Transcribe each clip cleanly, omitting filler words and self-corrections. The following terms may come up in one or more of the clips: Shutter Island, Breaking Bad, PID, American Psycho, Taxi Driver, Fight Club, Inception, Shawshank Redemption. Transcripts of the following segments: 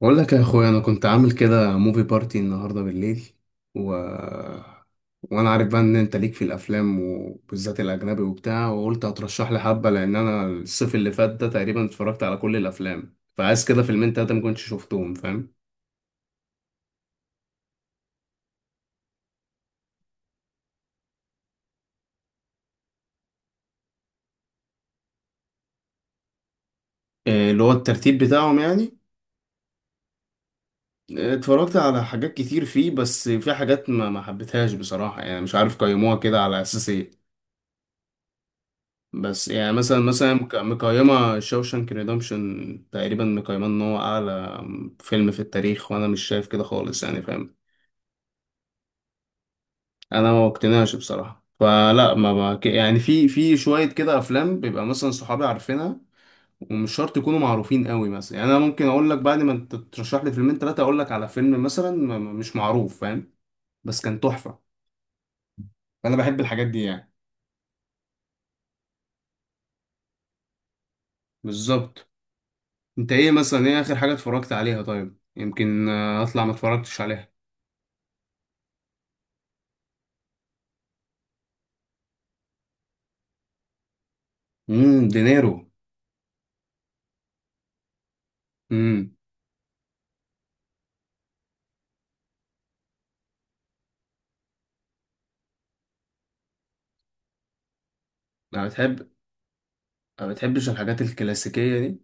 بقول لك يا اخويا، انا كنت عامل كده موفي بارتي النهارده بالليل و... وانا عارف بقى ان انت ليك في الافلام وبالذات الاجنبي وبتاع، وقلت هترشح لي حبه، لان انا الصيف اللي فات ده تقريبا اتفرجت على كل الافلام، فعايز كده فيلمين تلاته ما كنتش شفتهم، فاهم؟ إيه اللي هو الترتيب بتاعهم يعني؟ اتفرجت على حاجات كتير فيه، بس في حاجات ما حبيتهاش بصراحه، يعني مش عارف قيموها كده على اساس ايه. بس يعني مثلا مقيمة شوشانك ريدمشن تقريبا مقيمة ان هو اعلى فيلم في التاريخ، وانا مش شايف كده خالص يعني، فاهم؟ انا ما اقتنعش بصراحة. فلا ما ما- ك- يعني في شوية كده افلام بيبقى مثلا صحابي عارفينها، ومش شرط يكونوا معروفين قوي، مثلا يعني انا ممكن اقول لك بعد ما انت ترشح لي فيلمين ثلاثة، اقول لك على فيلم مثلا مش معروف، فاهم؟ بس كان تحفة. فانا بحب الحاجات دي يعني. بالظبط. انت ايه مثلا، ايه اخر حاجة اتفرجت عليها؟ طيب يمكن اطلع ما اتفرجتش عليها. امم، دينيرو. امم. انا بتحب. ما بتحبش الحاجات الكلاسيكيه دي؟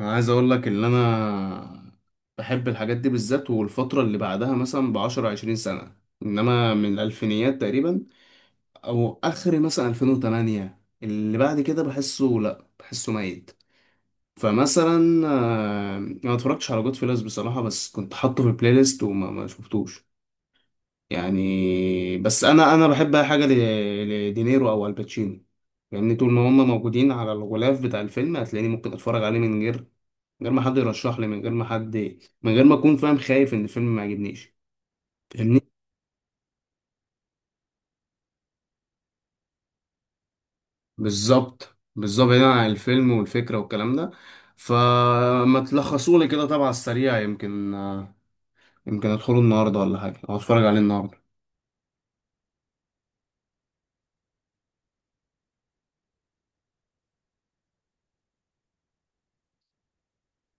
انا عايز اقول لك ان انا بحب الحاجات دي بالذات، والفتره اللي بعدها مثلا ب 10 20 سنه، انما من الالفينيات تقريبا، او اخر مثلا 2008، اللي بعد كده بحسه، لا بحسه ميت. فمثلا انا ما اتفرجتش على جود فيلز بصراحه، بس كنت حاطه في البلاي ليست وما ما شفتوش يعني. بس انا بحب اي حاجه لدينيرو او الباتشينو يعني. طول ما هم موجودين على الغلاف بتاع الفيلم، هتلاقيني ممكن اتفرج عليه من غير ما حد يرشح لي، من غير ما حد، من غير ما اكون فاهم، خايف ان الفيلم ما يعجبنيش. فاهمني؟ بالظبط، بالظبط هنا عن الفيلم والفكره والكلام ده. فما تلخصوا لي كده طبعا السريع، يمكن ادخله النهارده ولا حاجه، او اتفرج عليه النهارده.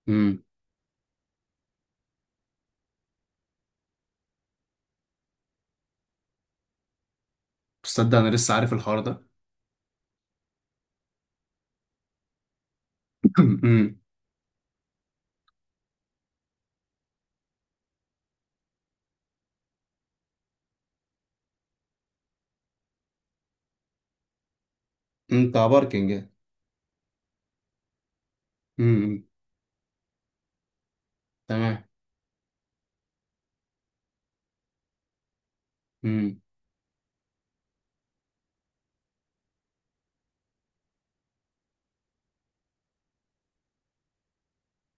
امم. تصدق انا لسه عارف الحوار ده. امم. انت باركنج. امم. تمام. امم.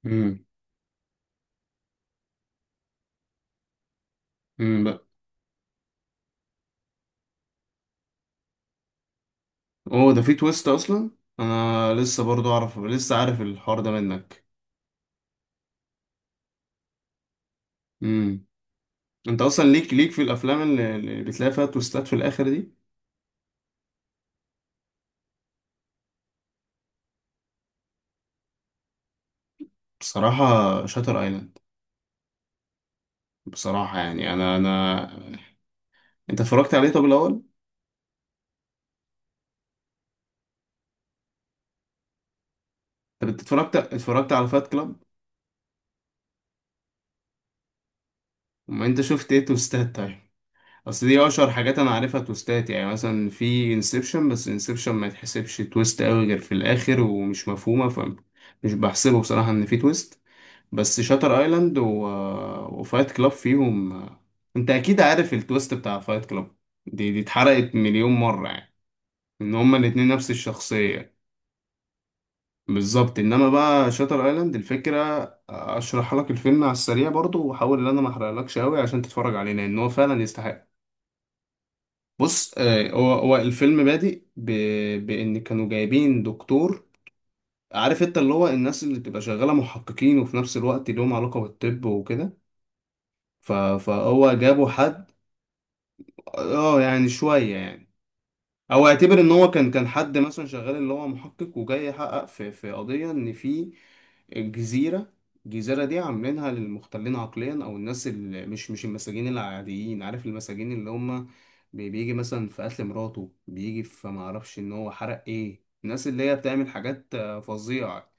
امم. بقى. اوه، ده في تويست اصلا؟ انا لسه برضو اعرف، لسه عارف الحوار ده منك. امم. انت اصلا ليك، ليك في الافلام اللي، اللي بتلاقي فيها تويستات في الاخر دي. بصراحه، شاتر ايلاند. بصراحه يعني انا. انت اتفرجت عليه طب الاول؟ انت اتفرجت على فات كلاب؟ ما انت شفت ايه تويستات طيب؟ بس دي اشهر حاجات انا عارفها تويستات، يعني مثلا في انسبشن، بس انسبشن ما يتحسبش تويست قوي غير في الاخر ومش مفهومه، فمش بحسبه بصراحه ان في تويست. بس شاتر ايلاند وفايت كلاب فيهم. انت اكيد عارف التويست بتاع فايت كلاب، دي اتحرقت مليون مره يعني، ان هما الاتنين نفس الشخصيه. بالظبط. انما بقى شاتر ايلاند، الفكره اشرح لك الفيلم على السريع برضو، واحاول ان انا ما احرقلكش قوي عشان تتفرج عليه، لان هو فعلا يستحق. بص هو الفيلم بادئ بان كانوا جايبين دكتور، عارف انت اللي هو الناس اللي بتبقى شغاله محققين وفي نفس الوقت لهم علاقه بالطب وكده. فهو جابوا حد. اه يعني شويه يعني، او اعتبر ان هو كان حد مثلا شغال اللي هو محقق، وجاي يحقق في قضيه ان في جزيره، الجزيره دي عاملينها للمختلين عقليا، او الناس اللي مش المساجين العاديين، عارف المساجين اللي هم بيجي مثلا في قتل مراته، بيجي في ما اعرفش ان هو حرق، ايه الناس اللي هي بتعمل حاجات فظيعه.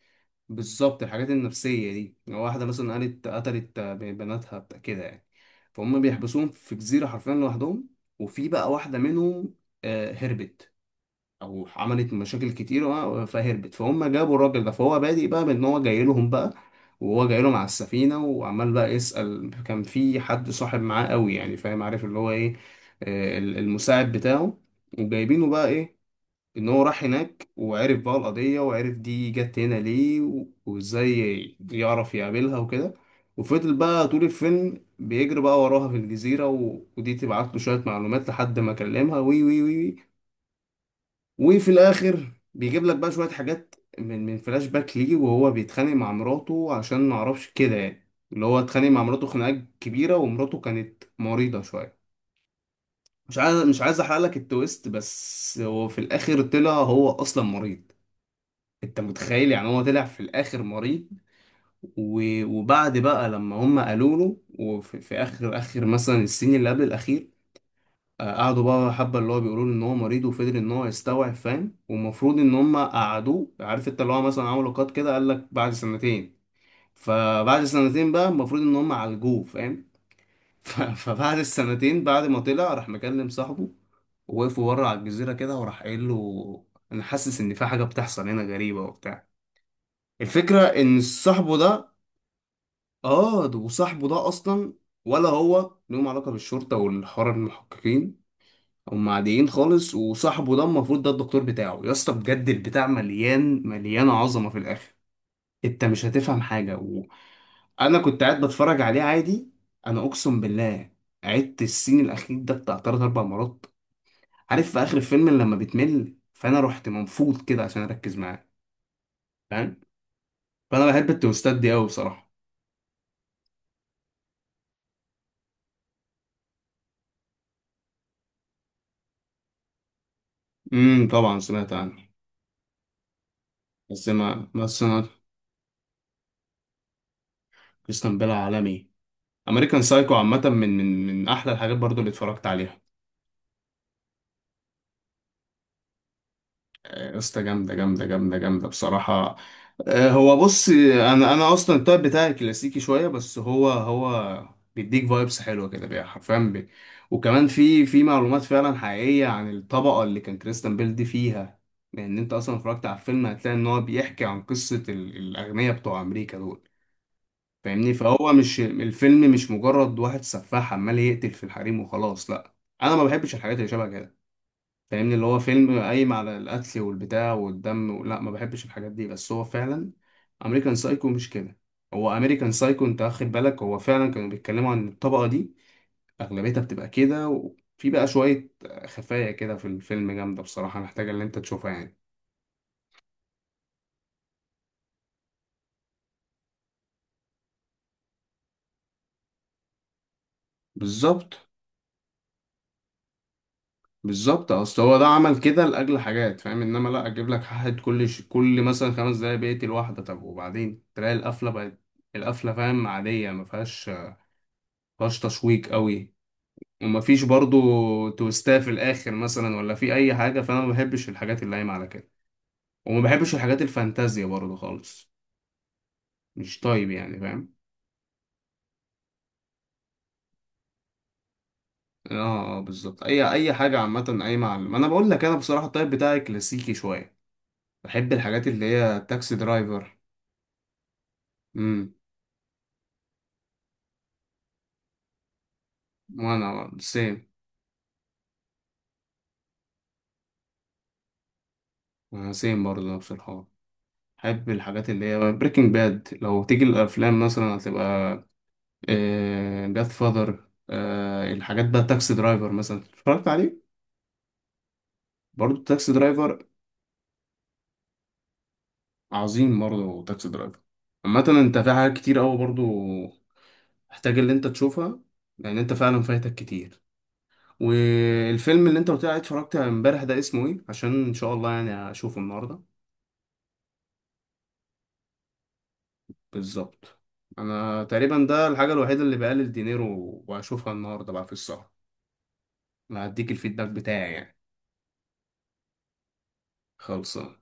بالظبط، الحاجات النفسيه دي، لو واحده مثلا قالت قتلت بناتها بتاع كده يعني. فهم بيحبسوهم في جزيره حرفيا لوحدهم. وفي بقى واحده منهم هربت او عملت مشاكل كتير فهربت، فهم جابوا الراجل ده. فهو بادئ بقى بان هو جاي لهم بقى. وهو جاي لهم على السفينه وعمال بقى يسال، كان في حد صاحب معاه قوي يعني، فاهم؟ عارف اللي هو ايه، المساعد بتاعه. وجايبينه بقى ايه، ان هو راح هناك وعرف بقى القضيه، وعرف دي جت هنا ليه، وازاي يعرف يقابلها وكده. وفضل بقى طول الفيلم بيجري بقى وراها في الجزيرة، ودي تبعت له شوية معلومات، لحد ما كلمها وي وي وي وي. وفي الاخر بيجيب لك بقى شويه حاجات من فلاش باك ليه، وهو بيتخانق مع مراته عشان ما اعرفش كده يعني. اللي هو اتخانق مع مراته خناقه كبيره، ومراته كانت مريضه شويه. مش عايز احرق لك التويست، بس هو في الاخر طلع هو اصلا مريض. انت متخيل يعني؟ هو طلع في الاخر مريض. وبعد بقى لما هم قالوا له، وفي اخر مثلا السين اللي قبل الاخير، قعدوا بقى حبة اللي هو بيقولوا له ان هو مريض، وفضل ان هو يستوعب، فاهم؟ والمفروض ان هم قعدوه، عارف انت اللي هو مثلا عملوا قط كده قال لك بعد سنتين. فبعد سنتين بقى المفروض ان هم عالجوه، فاهم؟ فبعد السنتين بعد ما طلع راح مكلم صاحبه، ووقفوا بره على الجزيرة كده، وراح قايل له انا حاسس ان في حاجة بتحصل هنا غريبة وبتاع. الفكرة ان صاحبه ده، اه وصاحبه ده اصلا، ولا هو ليهم علاقة بالشرطة والحوار المحققين، هم عاديين خالص. وصاحبه ده المفروض ده الدكتور بتاعه، يا اسطى بجد البتاع مليان مليان عظمه في الاخر. انت مش هتفهم حاجه انا كنت قاعد بتفرج عليه عادي، انا اقسم بالله. عدت السين الاخير ده بتاع تلات اربع مرات، عارف في اخر الفيلم لما بتمل، فانا رحت منفوض كده عشان اركز معاه، فاهم؟ فانا بحب التوستات دي قوي بصراحه. امم، طبعا سمعت عنه. بس ما سمعت. كريستيان بيل عالمي. امريكان سايكو عامه من احلى الحاجات برضو اللي اتفرجت عليها. يا اسطى، جامدة جامدة جامدة جامدة بصراحة. هو بص، انا اصلا التايب بتاعي كلاسيكي شوية، بس هو بيديك فايبس حلوة كده بقى حرفيا بي. وكمان في معلومات فعلا حقيقية عن الطبقة اللي كان كريستيان بيل دي فيها. لان انت اصلا اتفرجت على الفيلم، هتلاقي ان هو بيحكي عن قصة الاغنياء بتوع امريكا دول. فاهمني؟ فهو مش الفيلم مش مجرد واحد سفاح عمال يقتل في الحريم وخلاص، لا. انا ما بحبش الحاجات اللي شبه كده. فاهمني؟ اللي هو فيلم قايم على القتل والبتاع والدم لا، ما بحبش الحاجات دي، بس هو فعلا امريكان سايكو مش كده. هو امريكان سايكو، انت واخد بالك، هو فعلا كانوا بيتكلموا عن الطبقة دي، اغلبيتها بتبقى كده. وفي بقى شوية خفايا كده في الفيلم جامدة بصراحة، محتاجة ان انت تشوفها يعني. بالظبط. بالظبط، اصل هو ده عمل كده لاجل حاجات فاهم، انما لا، اجيب لك حد كل كل مثلا خمس دقايق بيقتل واحدة، طب وبعدين تلاقي القفلة بقت القفلة فاهم عادية، ما فيهاش تشويق قوي. ومفيش برضو تويستات في الاخر مثلا ولا في اي حاجه، فانا ما بحبش الحاجات اللي قايمه على كده. وما بحبش الحاجات الفانتازيا برضو خالص، مش طيب يعني، فاهم؟ اه، بالظبط، اي حاجه عامه اي معلم. انا بقول لك انا بصراحه الطيب بتاعي كلاسيكي شويه. بحب الحاجات اللي هي تاكسي درايفر. امم. وانا سيم. انا سيم برضو نفس الحوار. بحب الحاجات اللي هي بريكنج باد. لو تيجي الافلام مثلا، هتبقى جاد فاذر. الحاجات بقى تاكسي درايفر مثلا اتفرجت عليه. برضه تاكسي درايفر. عظيم برضه تاكسي درايفر. عامة انت في حاجات كتير اوي برضه محتاج اللي انت تشوفها، لان انت فعلا فايتك كتير. والفيلم اللي انت قلت لي عليه اتفرجت امبارح ده اسمه ايه، عشان ان شاء الله يعني اشوفه النهارده. بالظبط. انا تقريبا ده الحاجة الوحيدة اللي بقلل دينيرو واشوفها النهارده بقى في السهرة. هديك الفيدباك بتاعي يعني. خلصان.